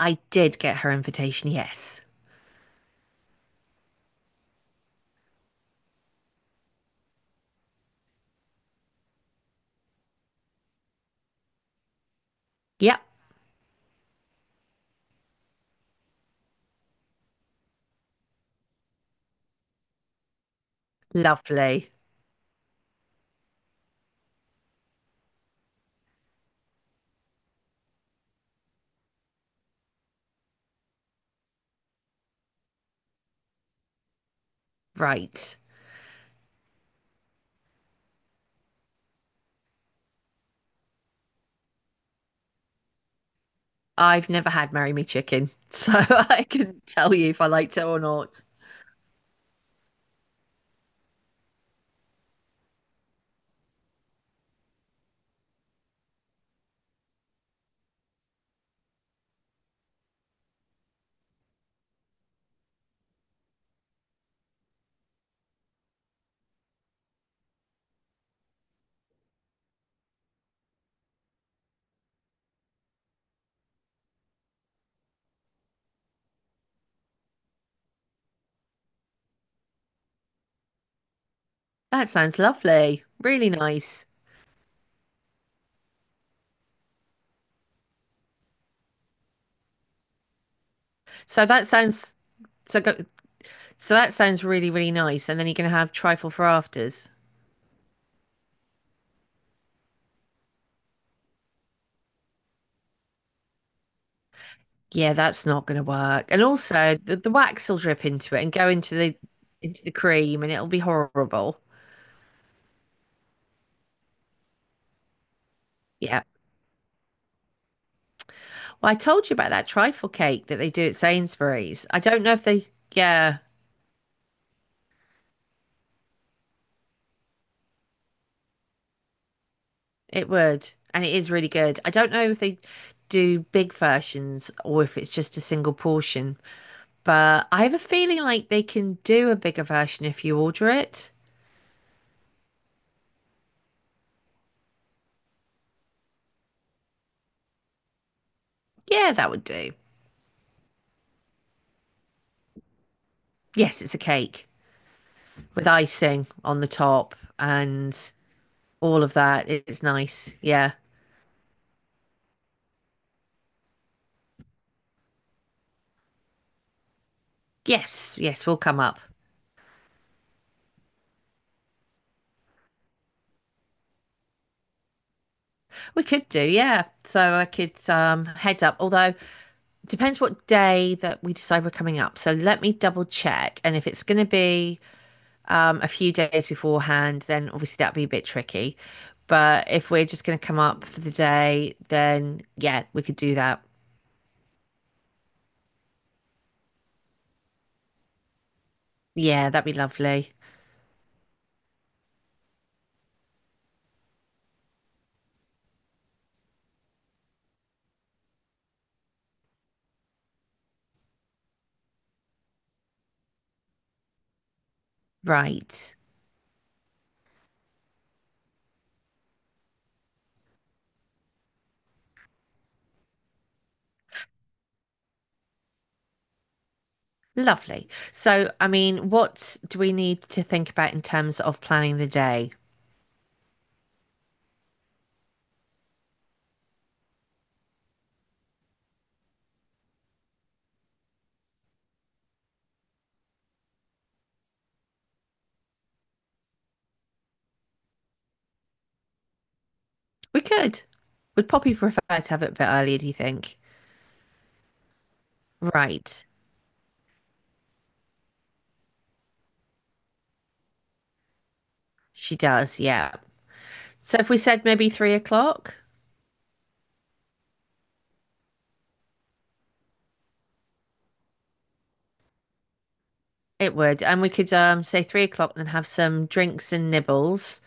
I did get her invitation, yes. Yep, lovely. Right. I've never had Marry Me Chicken, so I couldn't tell you if I liked it or not. That sounds lovely. Really nice. So that sounds so go, so that sounds really, really nice. And then you're gonna have trifle for afters. Yeah, that's not gonna work. And also the wax will drip into it and go into the cream and it'll be horrible. Yeah. Well, I told you about that trifle cake that they do at Sainsbury's. I don't know if they, Yeah, it would, and it is really good. I don't know if they do big versions or if it's just a single portion, but I have a feeling like they can do a bigger version if you order it. Yeah, that would do. Yes, it's a cake with icing on the top and all of that. It's nice. Yeah. Yes, yes, we'll come up. We could do, yeah. So I could head up. Although it depends what day that we decide we're coming up. So let me double check. And if it's gonna be a few days beforehand, then obviously that'd be a bit tricky. But if we're just going to come up for the day, then yeah, we could do that. Yeah, that'd be lovely. Right. Lovely. So, I mean, what do we need to think about in terms of planning the day? We could. Would Poppy prefer to have it a bit earlier, do you think? Right. She does, yeah. So if we said maybe 3 o'clock, it would. And we could say 3 o'clock and have some drinks and nibbles.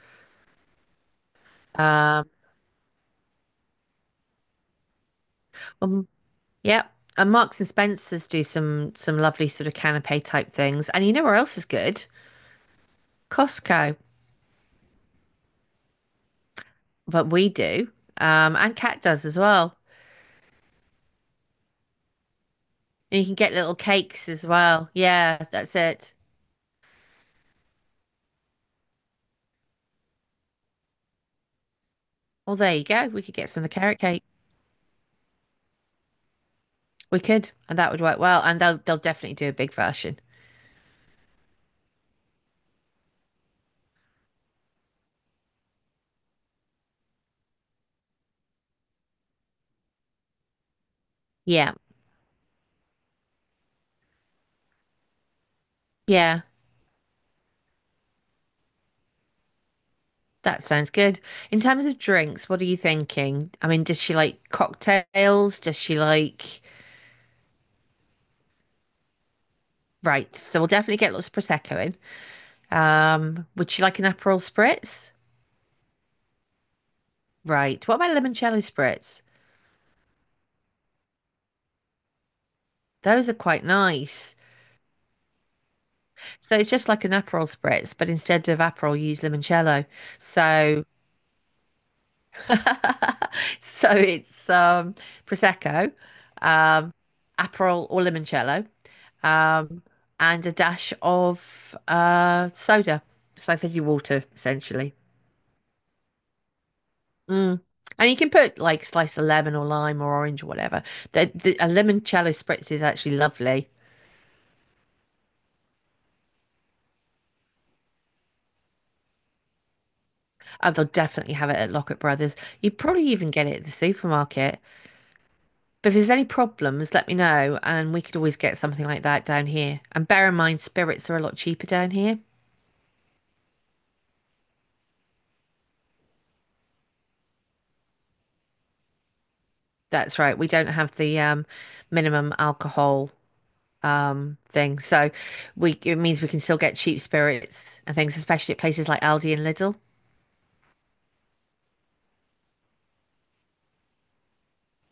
Um, well, Yep. And Marks and Spencers do some lovely sort of canapé type things. And you know where else is good? Costco. But we do. And Cat does as well. And you can get little cakes as well. Yeah, that's it. Well, there you go. We could get some of the carrot cake. We could, and that would work well. And they'll definitely do a big version. Yeah. Yeah. That sounds good. In terms of drinks, what are you thinking? I mean, does she like cocktails? Does she like? Right, so we'll definitely get lots of prosecco in. Would you like an Aperol spritz? Right. What about limoncello spritz? Those are quite nice. So it's just like an Aperol spritz, but instead of Aperol, you use limoncello. So, so it's prosecco, um, Aperol or limoncello, um, and a dash of soda. It's like fizzy water, essentially. Mm. And you can put like slice of lemon or lime or orange or whatever. A limoncello spritz is actually lovely. And they'll definitely have it at Lockett Brothers. You'd probably even get it at the supermarket. But if there's any problems, let me know, and we could always get something like that down here. And bear in mind, spirits are a lot cheaper down here. That's right. We don't have the minimum alcohol thing, so we it means we can still get cheap spirits and things, especially at places like Aldi and Lidl.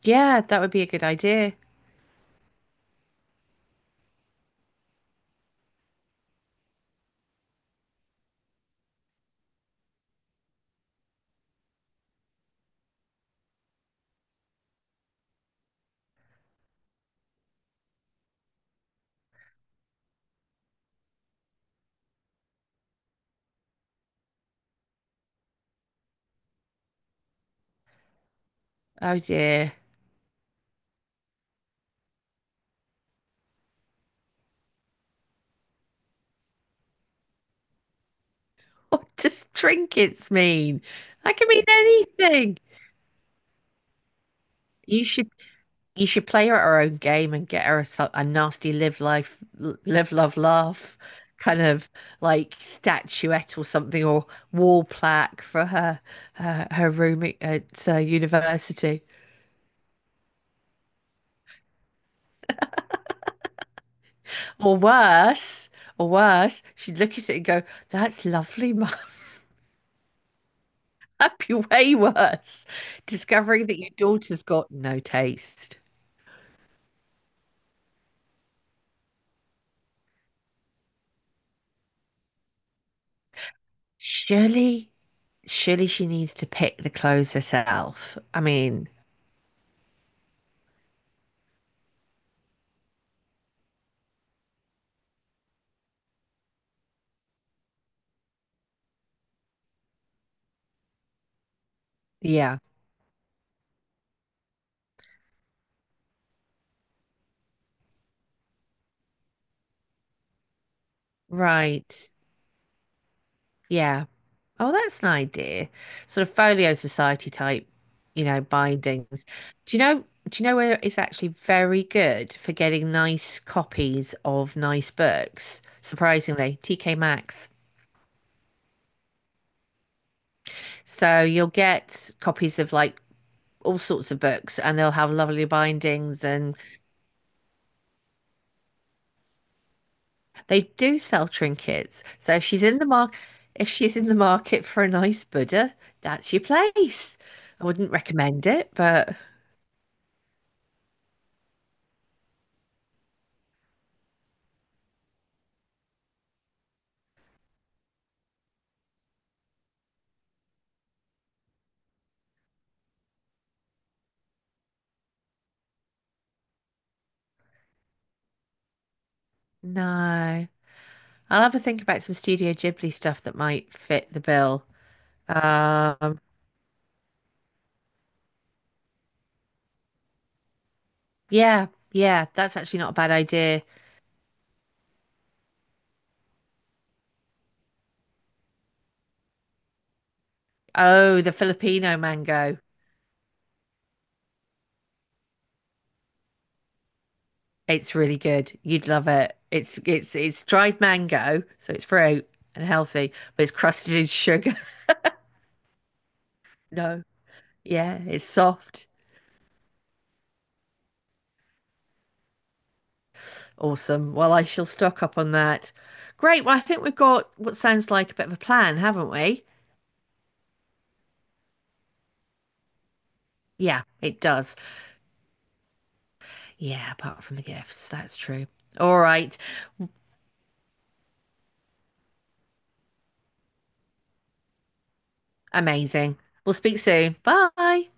Yeah, that would be a good idea. Oh dear. What does trinkets mean? That can mean anything. You should You should play her our own game and get her a, a nasty live life, live, love, laugh kind of like statuette or something or wall plaque for her her room at university. Or worse, or worse, she'd look at it and go, "That's lovely, Mum." That'd be way worse. Discovering that your daughter's got no taste. Surely, surely she needs to pick the clothes herself. I mean, yeah, right. Yeah. Oh, that's an idea. Sort of folio society type, you know, bindings. Do you know, do you know where it's actually very good for getting nice copies of nice books? Surprisingly, TK Maxx. So you'll get copies of like all sorts of books and they'll have lovely bindings and they do sell trinkets. So if she's in the market, If she's in the market for a nice Buddha, that's your place. I wouldn't recommend it, but no. I'll have a think about some Studio Ghibli stuff that might fit the bill. Um, yeah, yeah, that's actually not a bad idea. Oh, the Filipino mango. It's really good. You'd love it. It's dried mango, so it's fruit and healthy, but it's crusted in sugar. No, yeah, it's soft. Awesome. Well, I shall stock up on that. Great. Well, I think we've got what sounds like a bit of a plan, haven't we? Yeah, it does. Yeah, apart from the gifts, that's true. All right. Amazing. We'll speak soon. Bye.